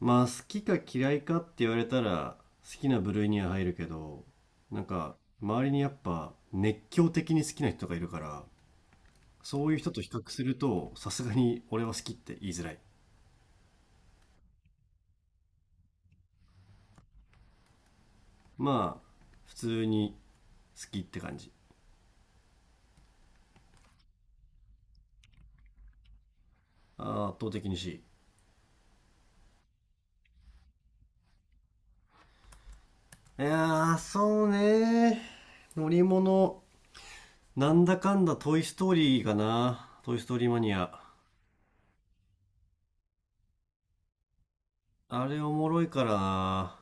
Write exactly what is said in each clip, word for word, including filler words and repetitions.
まあ好きか嫌いかって言われたら、好きな部類には入るけど、なんか周りにやっぱ熱狂的に好きな人がいるから、そういう人と比較するとさすがに俺は好きって言いづらい。まあ普通に好きって感じ。あー圧倒的に C。 いやーそうね、乗り物、なんだかんだトイ・ストーリーかな、トイ・ストーリーマニア。あれおもろいからな。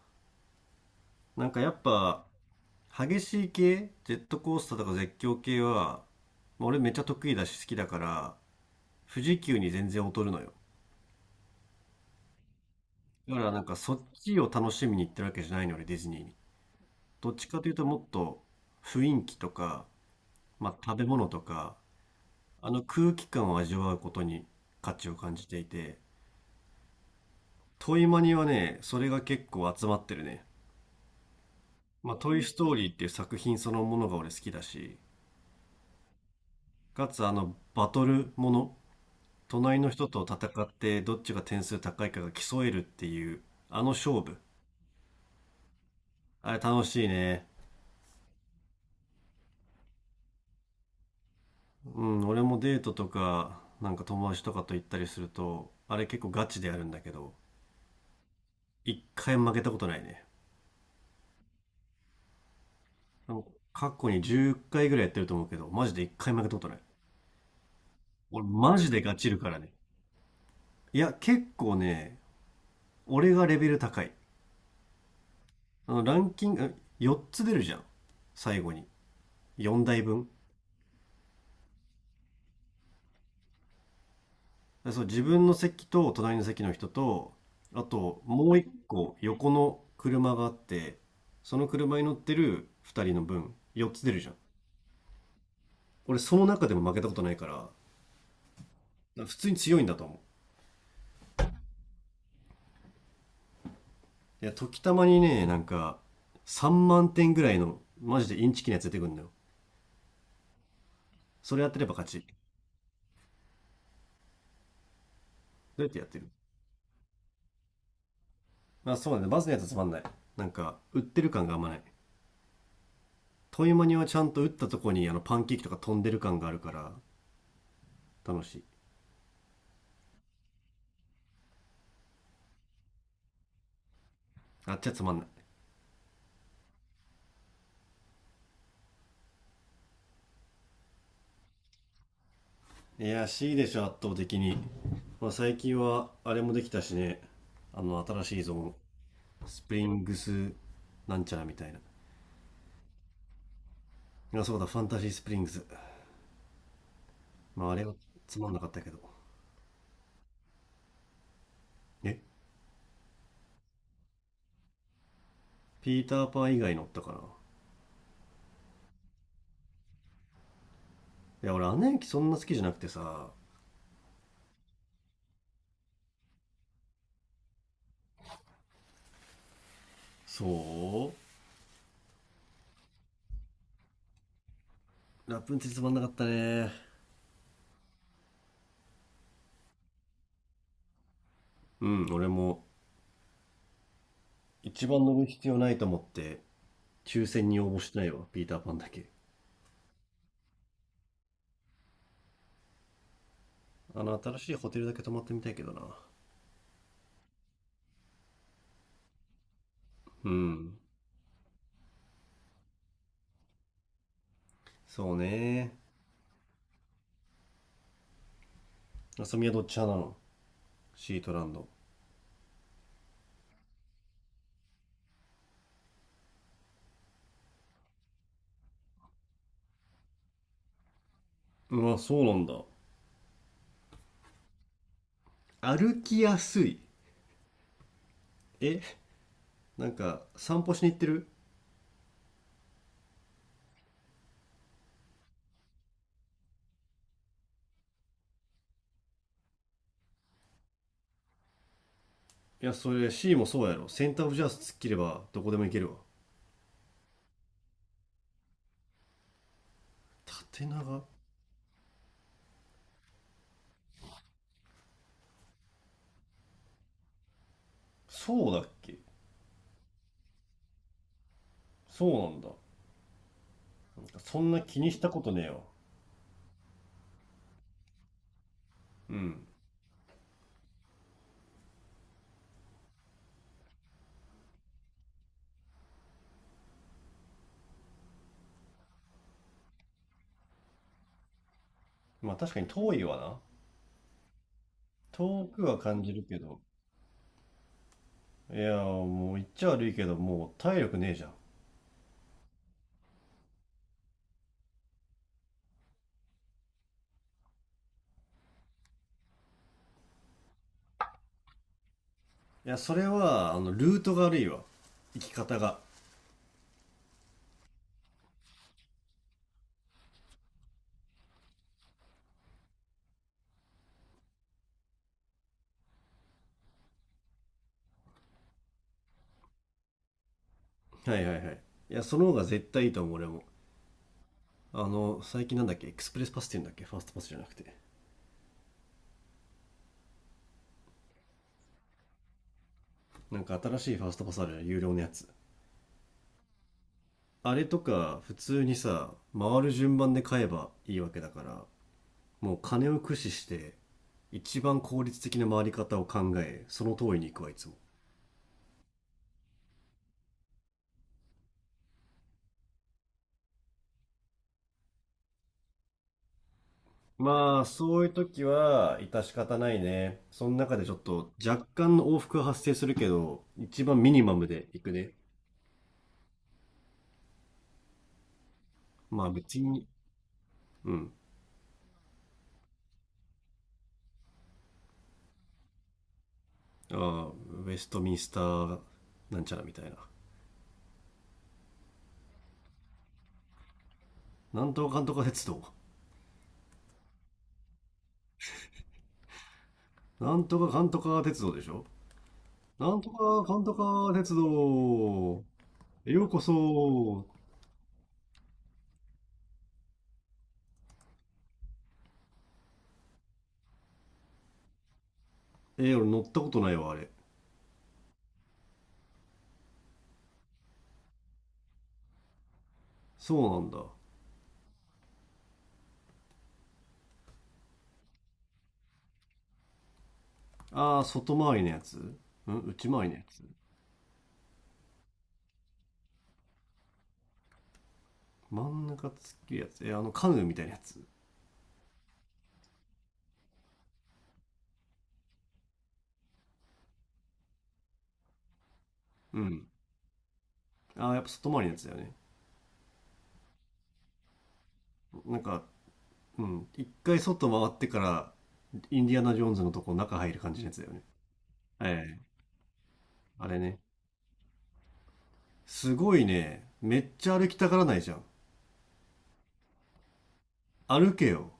なんかやっぱ激しい系、ジェットコースターとか絶叫系は、まあ俺めっちゃ得意だし好きだから、富士急に全然劣るのよ。だからなんかそっちを楽しみに行ってるわけじゃないの、俺ディズニーに。どっちかというと、もっと雰囲気とか、まあ食べ物とか、あの空気感を味わうことに価値を感じていて、トイマニはね、それが結構集まってるね。まあ、トイ・ストーリーっていう作品そのものが俺好きだし、かつあのバトルもの、隣の人と戦ってどっちが点数高いかが競えるっていうあの勝負、あれ楽しいね。うん、俺もデートとかなんか友達とかと行ったりするとあれ結構ガチでやるんだけど、一回負けたことないね。過去にじゅっかいぐらいやってると思うけど、マジで一回負けたことない。俺マジでガチるからね。いや結構ね、俺がレベル高い。あのランキングよっつ出るじゃん、最後に。よんだいぶん。そう、自分の席と隣の席の人と、あともう一個横の車があって、その車に乗ってるふたりの分、よっつ出るじゃん。俺その中でも負けたことないから、普通に強いんだと思う。いや、時たまにね、なんかさんまん点ぐらいのマジでインチキなやつ出てくるんだよ。それやってれば勝ち。どうやってやってる？まあそうだね、バズのやつはつまんない。なんか、売ってる感があんまない。トイマニはちゃんと打ったとこにあのパンケーキとか飛んでる感があるから、楽しい。あっちはつまんない。いや C でしょ圧倒的に。まあ、最近はあれもできたしね、あの新しいゾーン、スプリングスなんちゃらみたいな。いやそうだ、ファンタジースプリングス。まああれはつまんなかったけど。え、ピーターパン以外乗ったかないや俺アナ雪そんな好きじゃなくてさ。そう、ラプンツェルつまんなかったね。うん俺も、一番乗る必要ないと思って抽選に応募してないわ、ピーターパンだけ。あの新しいホテルだけ泊まってみたいけどな。うん、そうね。あさみはどっち派なの？シートランド？まあそうなんだ。歩きやすい？え、なんか散歩しに行ってる？いや、それ C もそうやろ、センターオブジャース突っ切ればどこでも行けるわ。縦長？そうだっけ？そうなんだ。そんな気にしたことねえよ。うん。まあ確かに遠いわな。遠くは感じるけど、いやもう言っちゃ悪いけど、もう体力ねえじゃん。いや、それはあのルートが悪いわ。生き方が。はいはいはい、いやその方が絶対いいと思う俺も。あの最近なんだっけ、エクスプレスパスっていうんだっけ、ファーストパスじゃなくて。なんか新しいファーストパスあるじゃん、有料のやつ。あれとか普通にさ、回る順番で買えばいいわけだから、もう金を駆使して一番効率的な回り方を考え、その通りに行くわいつも。まあそういう時は致し方ないね。その中でちょっと若干の往復は発生するけど、一番ミニマムで行くね。まあ別に。うん。ああ、ウェストミンスターなんちゃらみたいな、なんとかかんとか鉄道。なんとかかんとか鉄道でしょ。なんとかかんとか鉄道。ようこそ。えー、俺乗ったことないわ、あれ。そうなんだ。あー、外回りのやつ？うん、内回りのやつ？真ん中突っ切るやつ？えー、あの、カヌーみたいなやつ？うん。あー、やっぱ外回りのやつだよね。なんか、うん。一回外回ってから、インディアナ・ジョーンズのとこ中入る感じのやつだよね。ええ、あれね。すごいね。めっちゃ歩きたがらないじゃん。歩けよ。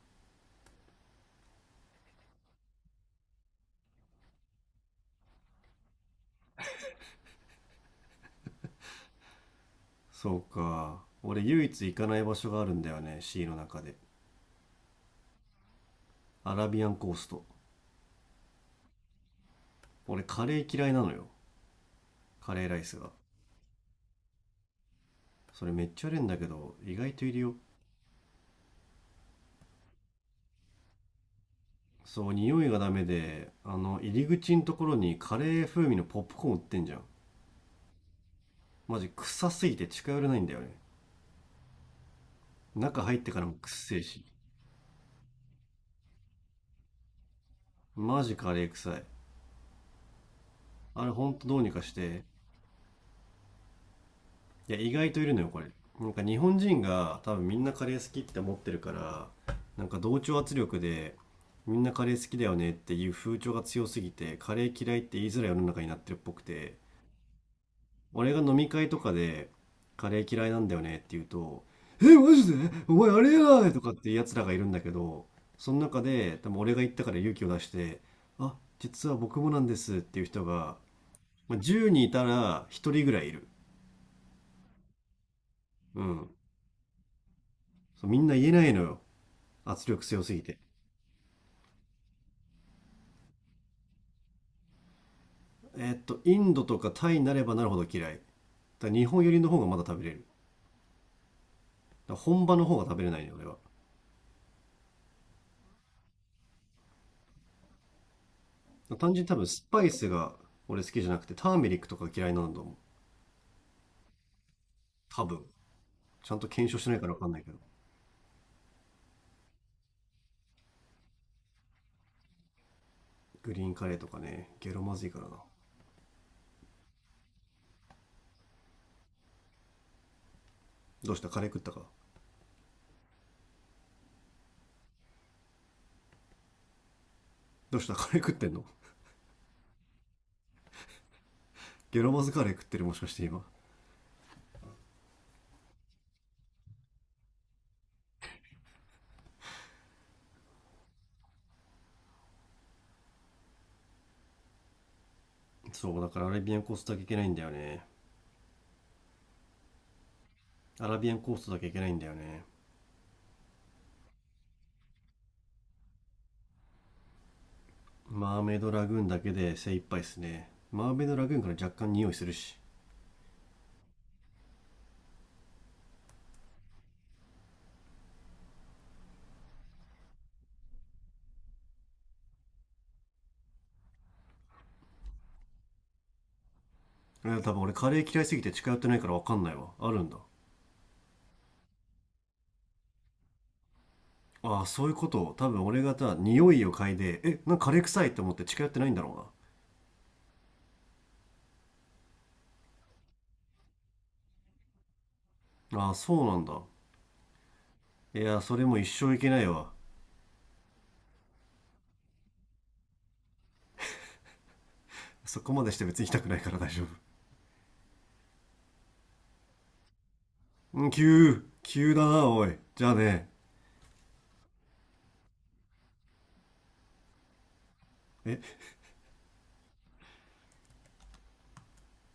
そうか。俺唯一行かない場所があるんだよね、シーの中で。アラビアンコースト。俺カレー嫌いなのよ。カレーライスが。それめっちゃあるんだけど、意外といるよ。そう、匂いがダメで、あの、入り口のところにカレー風味のポップコーン売ってんじゃん。マジ臭すぎて近寄れないんだよね。中入ってからもくっせえし。マジカレー臭い。あれほんとどうにかして。いや意外といるのよ、これ。なんか日本人が多分みんなカレー好きって思ってるから、なんか同調圧力でみんなカレー好きだよねっていう風潮が強すぎて、カレー嫌いって言いづらい世の中になってるっぽくて、俺が飲み会とかでカレー嫌いなんだよねって言うと「えマジでお前あれやない!」とかっていうやつらがいるんだけど、その中で多分俺が言ったから勇気を出して「あ実は僕もなんです」っていう人が、まあ、じゅうにんいたらひとりぐらいいる。うん。そうみんな言えないのよ。圧力強すぎて。えーっと、インドとかタイになればなるほど嫌い。だから日本寄りの方がまだ食べれる。だから本場の方が食べれないね、俺は。単純に多分スパイスが俺好きじゃなくて、ターメリックとか嫌いなんだと思う。多分。ちゃんと検証してないから分かんないけど。グリーンカレーとかね、ゲロまずいからな。どうしたカレー食ったか？どうしたカレー食ってんの？ゲロまずカレー食ってるもしかして今。そう、だからアラビアンコーストだけいけないんだよね。アラビアンコーストだけいけないんだよね。マーメイドラグーンだけで精一杯っすね。マーメイドラグーンから若干匂いするし。いや多分俺カレー嫌いすぎて近寄ってないから分かんないわ、あるんだ。ああそういうこと。多分俺がさ匂いを嗅いでえなんかカレー臭いって思って近寄ってないんだろうな。ああそうなんだ。いやそれも一生いけないわ。そこまでして別に行きたくないから大丈夫。うん、急急だなおい。じゃあね。え？